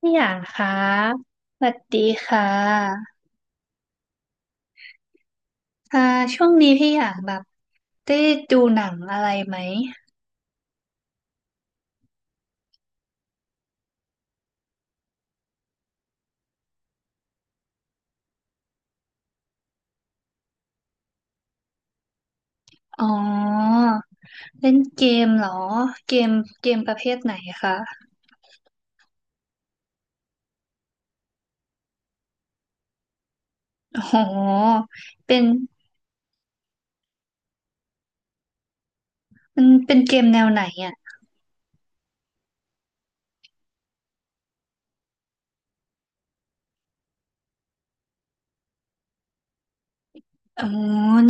พี่หยางคะสวัสดีค่ะค่ะช่วงนี้พี่หยางแบบได้ดูหนังอะไรไหมอ๋อเล่นเกมเหรอเกมประเภทไหนคะอ๋อเป็นมันเป็นเกมแนวไหนอ่ะอ๋อ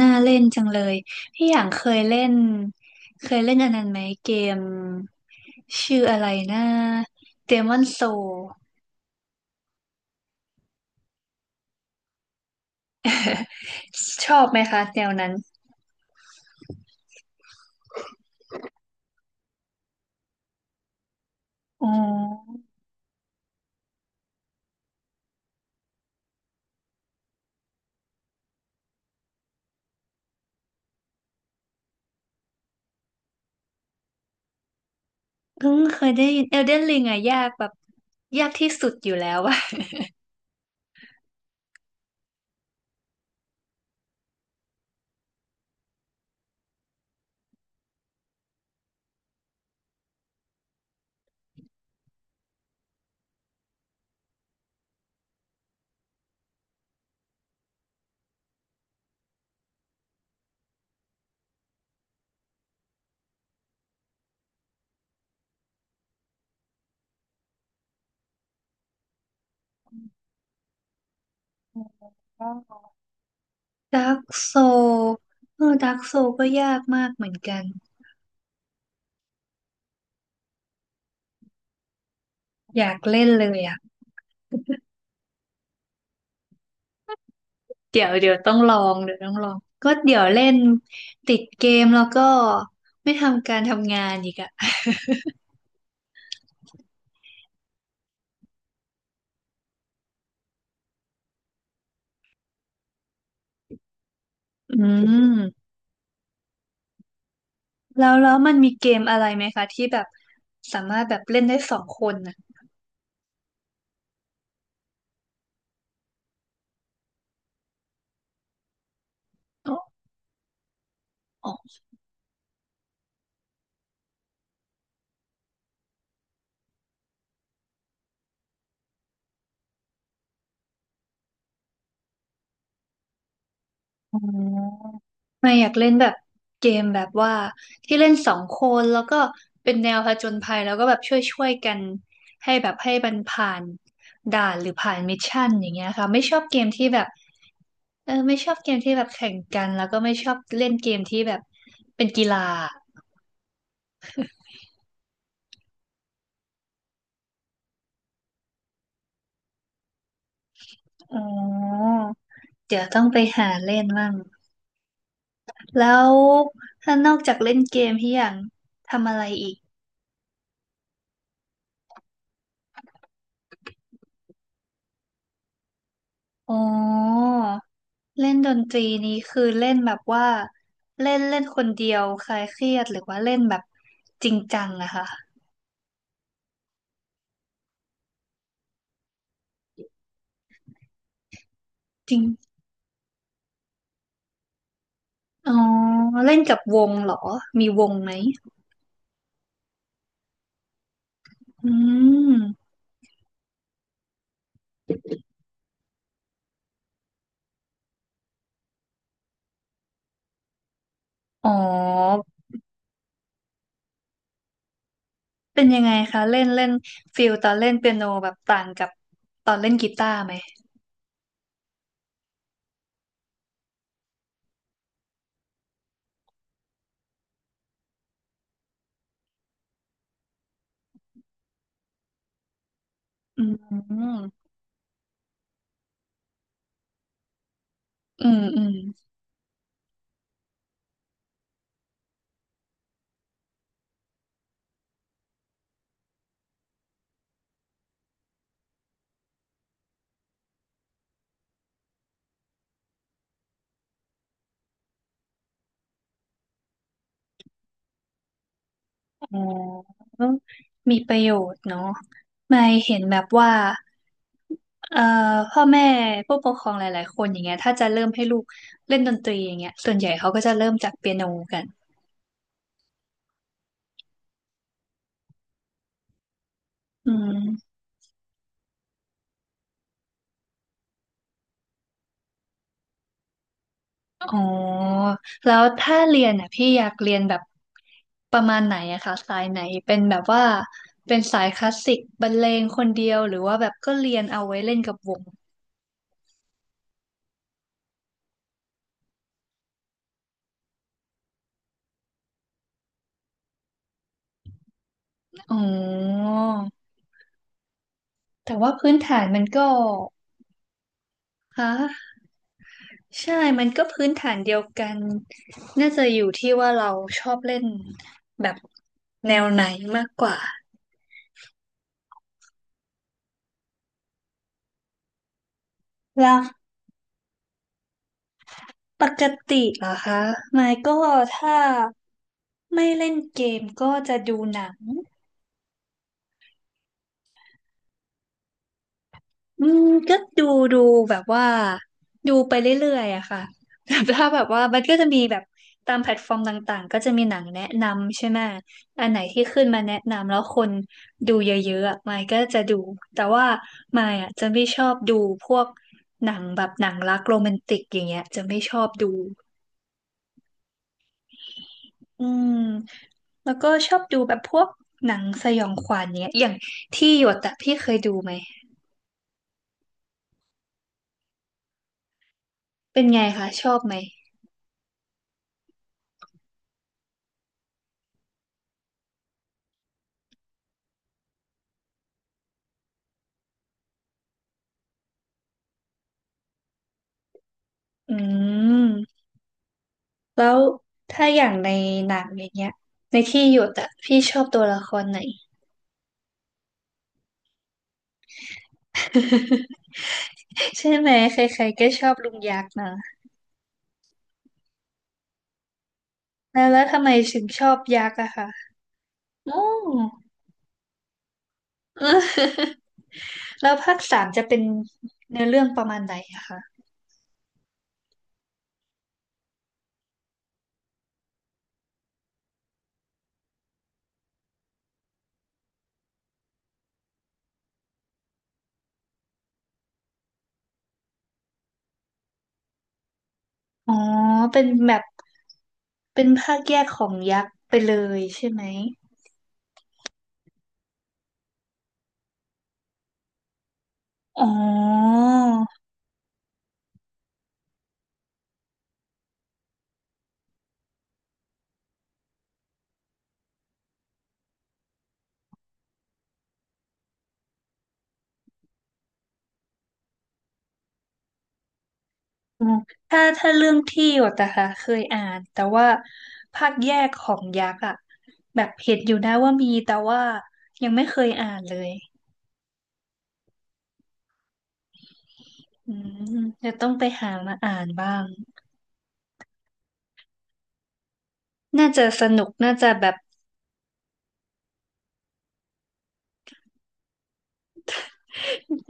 น่าเล่นจังเลยพี่หยางเคยเล่นอันนั้นไหมเกมชื่ออะไรนะ Demon Soul ชอบไหมคะแนวนั้นอ๋อ เออเคยได้ยินเอลเดนริงอะยากแบบยากที่สุดอยู่แล้วอะดาร์กโซเออดาร์กโซก็ยากมากเหมือนกันอยากเล่นเลยอะเดี๋ยวต้องลองเดี๋ยวต้องลองก็เดี๋ยวเล่นติดเกมแล้วก็ไม่ทำการทำงานอีกอะอืมแล้วมันมีเกมอะไรไหมคะที่แบบสามารถแบบเล่นได้สองคนนะอ๋อ อ๋อไม่อยากเล่นแบบเกมแบบว่าที่เล่นสองคนแล้วก็เป็นแนวผจญภัยแล้วก็แบบช่วยกันให้แบบให้มันผ่านด่านหรือผ่านมิชชั่นอย่างเงี้ยค่ะไม่ชอบเกมที่แบบเออไม่ชอบเกมที่แบบแข่งกันแล้วก็ไม่ชอบเล่นเกมที่แบบเป็นกีฬาอ๋อเดี๋ยวต้องไปหาเล่นมั่งแล้วถ้านอกจากเล่นเกมพี่อย่างทำอะไรอีก อ๋อเล่นดนตรีนี้คือเล่นแบบว่าเล่นเล่นคนเดียวคลายเครียดหรือว่าเล่นแบบจริงจังอะค่ะจริงอ๋อเล่นกับวงเหรอมีวงไหมอืมอ๋อเป็นยังไงคะเล่นเล่นฟิลตอนเล่นเปียโนแบบต่างกับตอนเล่นกีตาร์ไหมอืมอืมอืม อ๋อมีประโยชน์เนาะไม่เห็นแบบว่าเอ่อพ่อแม่ผู้ปกครองหลายๆคนอย่างเงี้ยถ้าจะเริ่มให้ลูกเล่นดนตรีอย่างเงี้ยส่วนใหญ่เขาก็จะเริ่มจากเปียโนกันอืมอ๋อแล้วถ้าเรียนอ่ะพี่อยากเรียนแบบประมาณไหนอะคะสายไหนเป็นแบบว่าเป็นสายคลาสสิกบรรเลงคนเดียวหรือว่าแบบก็เรียนเอาไว้เล่นกับวงอ๋อแต่ว่าพื้นฐานมันก็ฮะ ใช่มันก็พื้นฐานเดียวกัน น่าจะอยู่ที่ว่าเราชอบเล่นแบบแนวไหนมากกว่า แล้วปกติเหรอคะไมค์ก็ถ้าไม่เล่นเกมก็จะดูหนัง อืมก็ดูดูแบบว่าดูไปเรื่อยๆอะค่ะ แบบถ้าแบบว่ามันก็จะมีแบบตามแพลตฟอร์มต่างๆก็จะมีหนังแนะนำใช่ไหมอันไหนที่ขึ้นมาแนะนำแล้วคนดูเยอะๆอะมายก็จะดูแต่ว่ามายอะจะไม่ชอบดูพวกหนังแบบหนังรักโรแมนติกอย่างเงี้ยจะไม่ชอบดูอืมแล้วก็ชอบดูแบบพวกหนังสยองขวัญเนี้ยอย่างที่หยดอะพี่เคยดูไหมเป็นไงคะชอบไหมอืม แล้วถ้าอย่างในหนังอย่างเงี้ยในที่หยุดอะพี่ชอบตัวละครไหน ใช่ไหมใครๆก็ชอบลุงยักษ์นะแล้วทำไมถึงชอบยักษ์อะคะอ๋อเออ แล้วภาคสามจะเป็นเนื้อเรื่องประมาณไหนอะคะอ๋อเป็นแบบเป็นภาคแยกของยักษ์ไปเลยใช่ไหมอ๋อ อืมถ้าเรื่องที่หยดนะคะเคยอ่านแต่ว่าภาคแยกของยักษ์อะแบบเห็นอยู่นะว่ามีแต่ว่ายังไม่เคยอ่านเลยอืมจะต้องไปหามาอ่านบ้างน่าจะสนุกน่าจะแบบ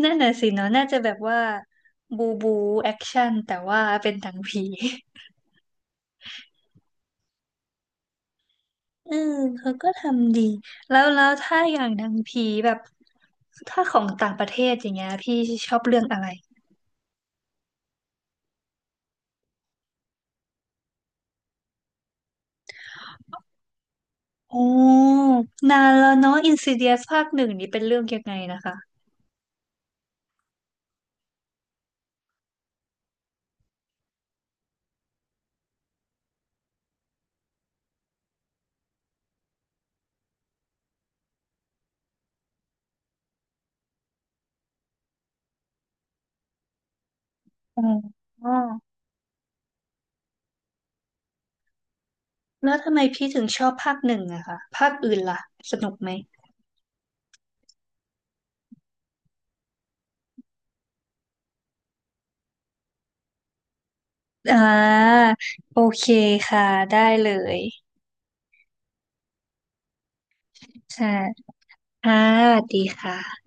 นั่นน่ะสิเนาะน่าจะแบบว่าบูบูแอคชั่นแต่ว่าเป็นหนังผี เออเขาก็ทำดีแล้วถ้าอย่างหนังผีแบบถ้าของต่างประเทศอย่างเงี้ยพี่ชอบเรื่องอะไร โอ้นานแล้วเนาะอินซิเดียสภาคหนึ่งนี่เป็นเรื่องยังไงนะคะอ๋อแล้วทำไมพี่ถึงชอบภาคหนึ่งอะคะภาคอื่นล่ะสนุกไหมอ่าโอเคค่ะได้เลยค่ะค่ะสวัสดีค่ะ